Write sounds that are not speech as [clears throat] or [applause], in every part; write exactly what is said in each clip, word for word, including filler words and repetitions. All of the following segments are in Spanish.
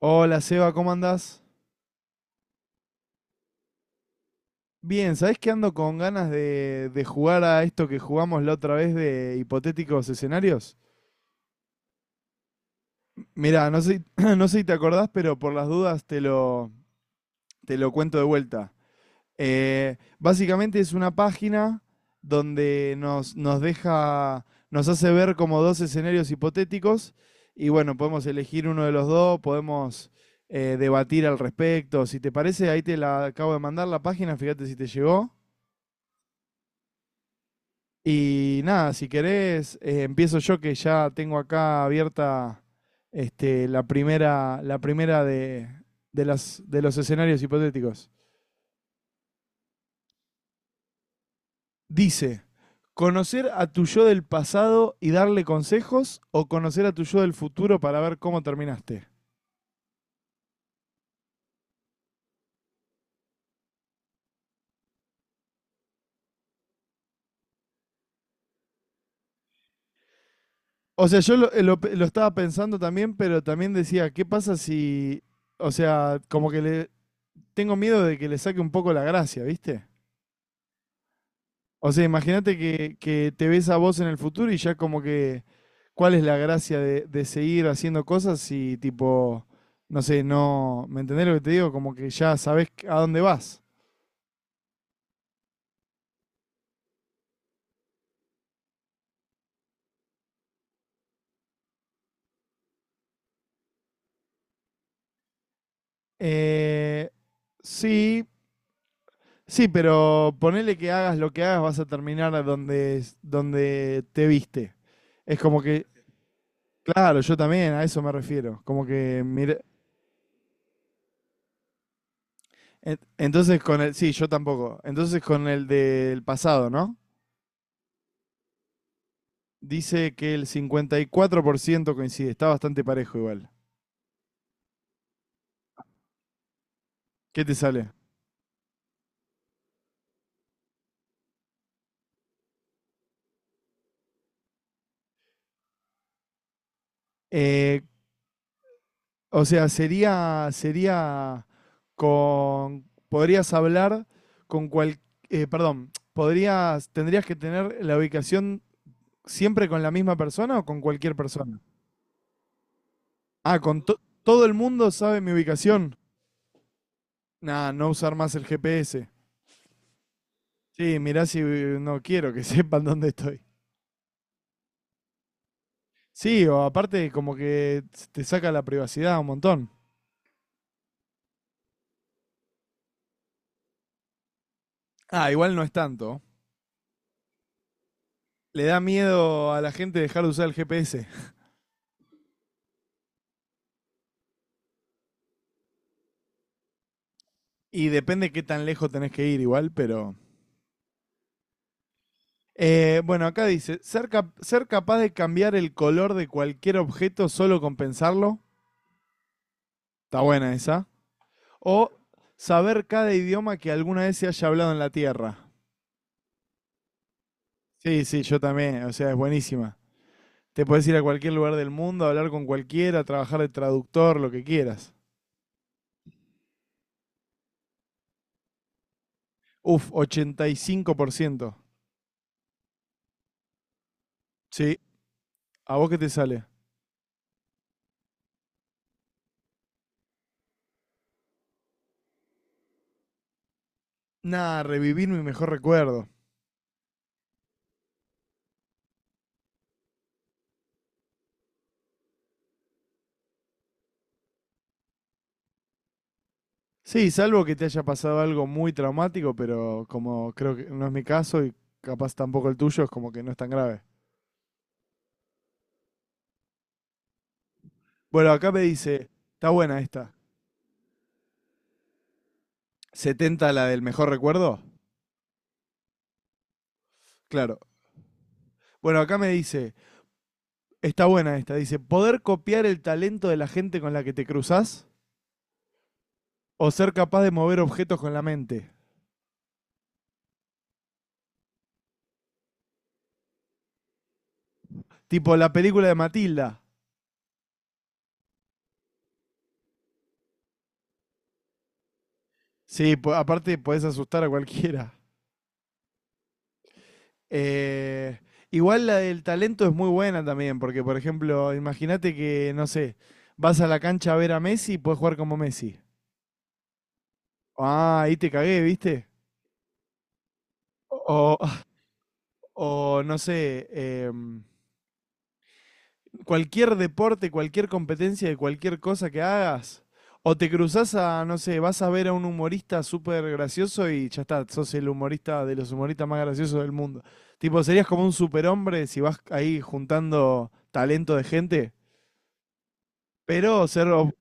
Hola Seba, ¿cómo andás? Bien, ¿sabés que ando con ganas de, de jugar a esto que jugamos la otra vez de hipotéticos escenarios? Mirá, no sé, [clears throat] no sé si te acordás, pero por las dudas te lo, te lo cuento de vuelta. Eh, básicamente es una página donde nos, nos deja, nos hace ver como dos escenarios hipotéticos y bueno, podemos elegir uno de los dos, podemos eh, debatir al respecto. Si te parece, ahí te la acabo de mandar la página, fíjate si te llegó. Y nada, si querés, eh, empiezo yo que ya tengo acá abierta este, la primera, la primera de, de las, de los escenarios hipotéticos. Dice, ¿conocer a tu yo del pasado y darle consejos o conocer a tu yo del futuro para ver cómo terminaste? O sea, yo lo, eh, lo- lo estaba pensando también, pero también decía, ¿qué pasa si, o sea, como que le tengo miedo de que le saque un poco la gracia, ¿viste? O sea, imagínate que, que te ves a vos en el futuro y ya como que, ¿cuál es la gracia de, de seguir haciendo cosas si tipo, no sé, no, ¿me entendés lo que te digo? Como que ya sabés a dónde vas. Eh, sí, sí, pero ponele que hagas lo que hagas, vas a terminar a donde, es- donde te viste. Es como que, claro, yo también a eso me refiero. Como que, mira, en- entonces con el, sí, yo tampoco. Entonces con el del pasado, ¿no? Dice que el cincuenta y cuatro por ciento coincide. Está bastante parejo igual. ¿Qué te sale? Eh, o sea, sería, sería con... Podrías hablar con cual... eh, perdón, podrías, tendrías que tener la ubicación siempre con la misma persona o con cualquier persona. Ah, con to- todo el mundo sabe mi ubicación. Nah, no usar más el GPS. Sí, mirá si eh, no quiero que [laughs] sepan dónde estoy. Sí, o aparte como que te saca la privacidad un montón. Ah, igual no es tanto. Le da miedo a la gente dejar de usar el GPS. Y depende qué tan lejos tenés que ir igual, pero... Eh, bueno, acá dice, ser, cap- ser capaz de cambiar el color de cualquier objeto solo con pensarlo. Está buena esa. O saber cada idioma que alguna vez se haya hablado en la Tierra. Sí, sí, yo también. O sea, es buenísima. Te puedes ir a cualquier lugar del mundo, hablar con cualquiera, trabajar de traductor, lo que quieras. Uf, ochenta y cinco por ciento. Sí, ¿a vos qué te sale? Nah, revivir mi mejor recuerdo. Sí, salvo que te haya pasado algo muy traumático, pero como creo que no es mi caso y capaz tampoco el tuyo, es como que no es tan grave. Bueno, acá me dice, está buena esta. ¿Setenta la del mejor recuerdo? Claro. Bueno, acá me dice, está buena esta. Dice, ¿poder copiar el talento de la gente con la que te cruzas? ¿O ser capaz de mover objetos con la mente? Tipo la película de Matilda. Sí, po- aparte podés asustar a cualquiera. Eh, Igual la del talento es muy buena también, porque por ejemplo, imagínate que, no sé, vas a la cancha a ver a Messi y puedes jugar como Messi. Ah, ahí te cagué, ¿viste? O, o no sé, em, cualquier deporte, cualquier competencia de cualquier cosa que hagas. O te cruzas a, no sé, vas a ver a un humorista súper gracioso y ya está, sos el humorista de los humoristas más graciosos del mundo. Tipo, serías como un superhombre si vas ahí juntando talento de gente. Pero ser, ob-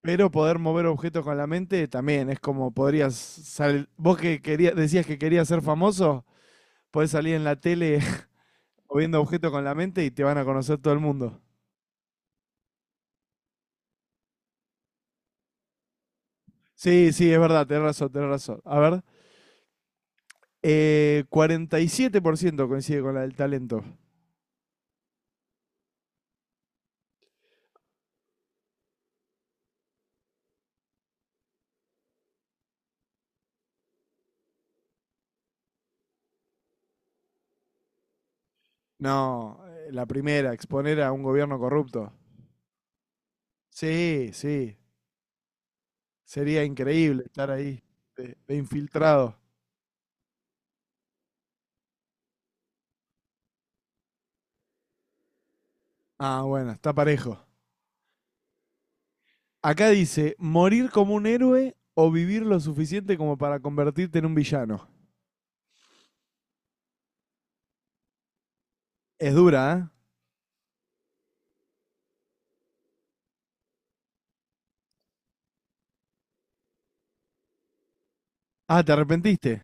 pero poder mover objetos con la mente también es como podrías salir. Vos que querías, decías que querías ser famoso, podés salir en la tele [laughs] moviendo objetos con la mente y te van a conocer todo el mundo. Sí, sí, es verdad, tenés razón, tenés razón. A ver, eh, cuarenta y siete por ciento coincide con la del talento. No, eh, la primera, exponer a un gobierno corrupto. Sí, sí, sería increíble estar ahí de, de infiltrado. Ah, bueno, está parejo. Acá dice, morir como un héroe o vivir lo suficiente como para convertirte en un villano. Es dura, ¿eh? Ah, ¿te arrepentiste?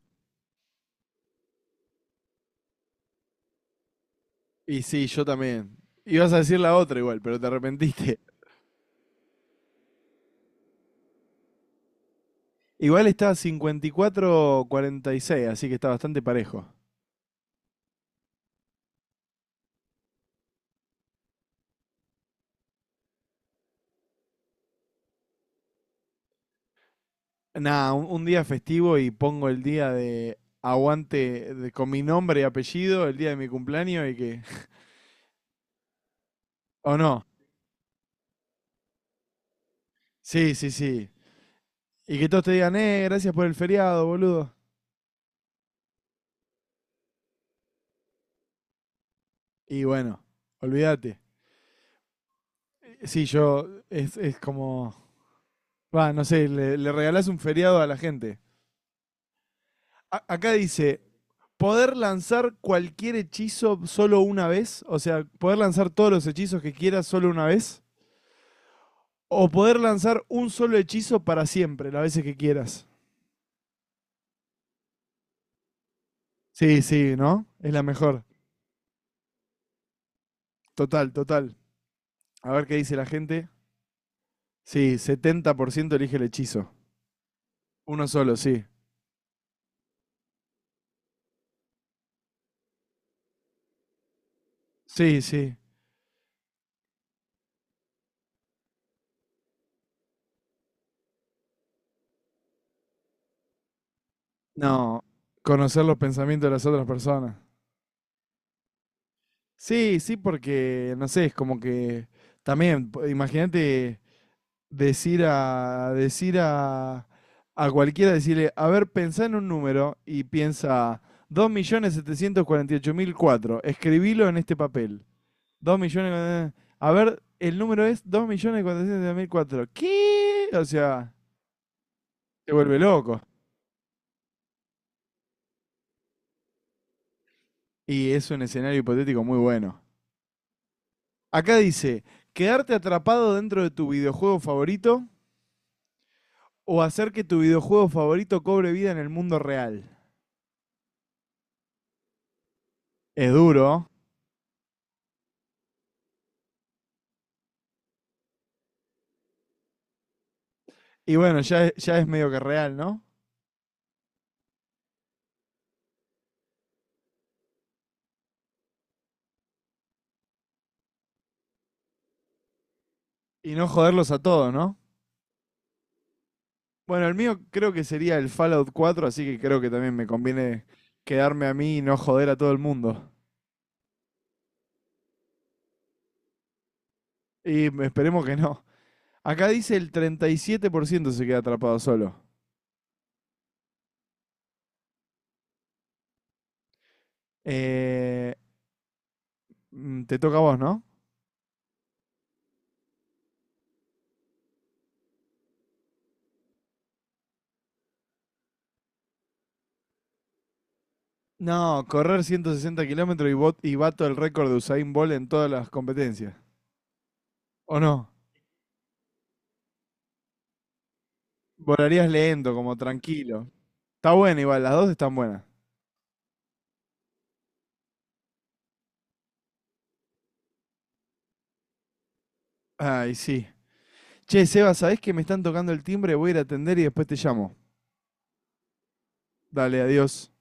Y sí, yo también. Ibas a decir la otra igual, pero te arrepentiste. Igual está cincuenta y cuatro a cuarenta y seis, así que está bastante parejo. Nada, un, un día festivo y pongo el día de aguante de- con mi nombre y apellido, el día de mi cumpleaños y que... [laughs] ¿O no? Sí, sí, sí. Y que todos te digan, eh, gracias por el feriado, boludo. Y bueno, olvídate. Sí, yo. Es, es como. Va, no sé, le, le regalás un feriado a la gente. A- acá dice: poder lanzar cualquier hechizo solo una vez. O sea, poder lanzar todos los hechizos que quieras solo una vez. O poder lanzar un solo hechizo para siempre, las veces que quieras. Sí, sí, ¿no? Es la mejor. Total, total. A ver qué dice la gente. Sí, setenta por ciento elige el hechizo. Uno solo, sí. Sí, sí. No, conocer los pensamientos de las otras personas. Sí, sí, porque no sé, es como que también, po- imagínate decir a decir a, a cualquiera, decirle, a ver, pensá en un número y piensa dos millones setecientos cuarenta y ocho mil cuatro, escribilo en este papel. Dos millones, eh, a ver, el número es dos millones cuatrocientos setenta y ocho mil cuatro, ¿qué? O sea, te vuelve loco. Y es un escenario hipotético muy bueno. Acá dice, quedarte atrapado dentro de tu videojuego favorito o hacer que tu videojuego favorito cobre vida en el mundo real. Es duro. Y bueno, ya, es- ya es medio que real, ¿no? Y no joderlos a todos, ¿no? Bueno, el mío creo que sería el Fallout cuatro, así que creo que también me conviene quedarme a mí y no joder a todo el mundo. Y esperemos que no. Acá dice el treinta y siete por ciento se queda atrapado solo. Eh, mm, te toca a vos, ¿no? No, correr ciento sesenta kilómetros y, bot- y bato el récord de Usain Bolt en todas las competencias. ¿O no? Volarías lento, como tranquilo. Está buena igual, las dos están buenas. Ay, sí. Che, Seba, ¿sabés que me están tocando el timbre? Voy a ir a atender y después te llamo. Dale, adiós.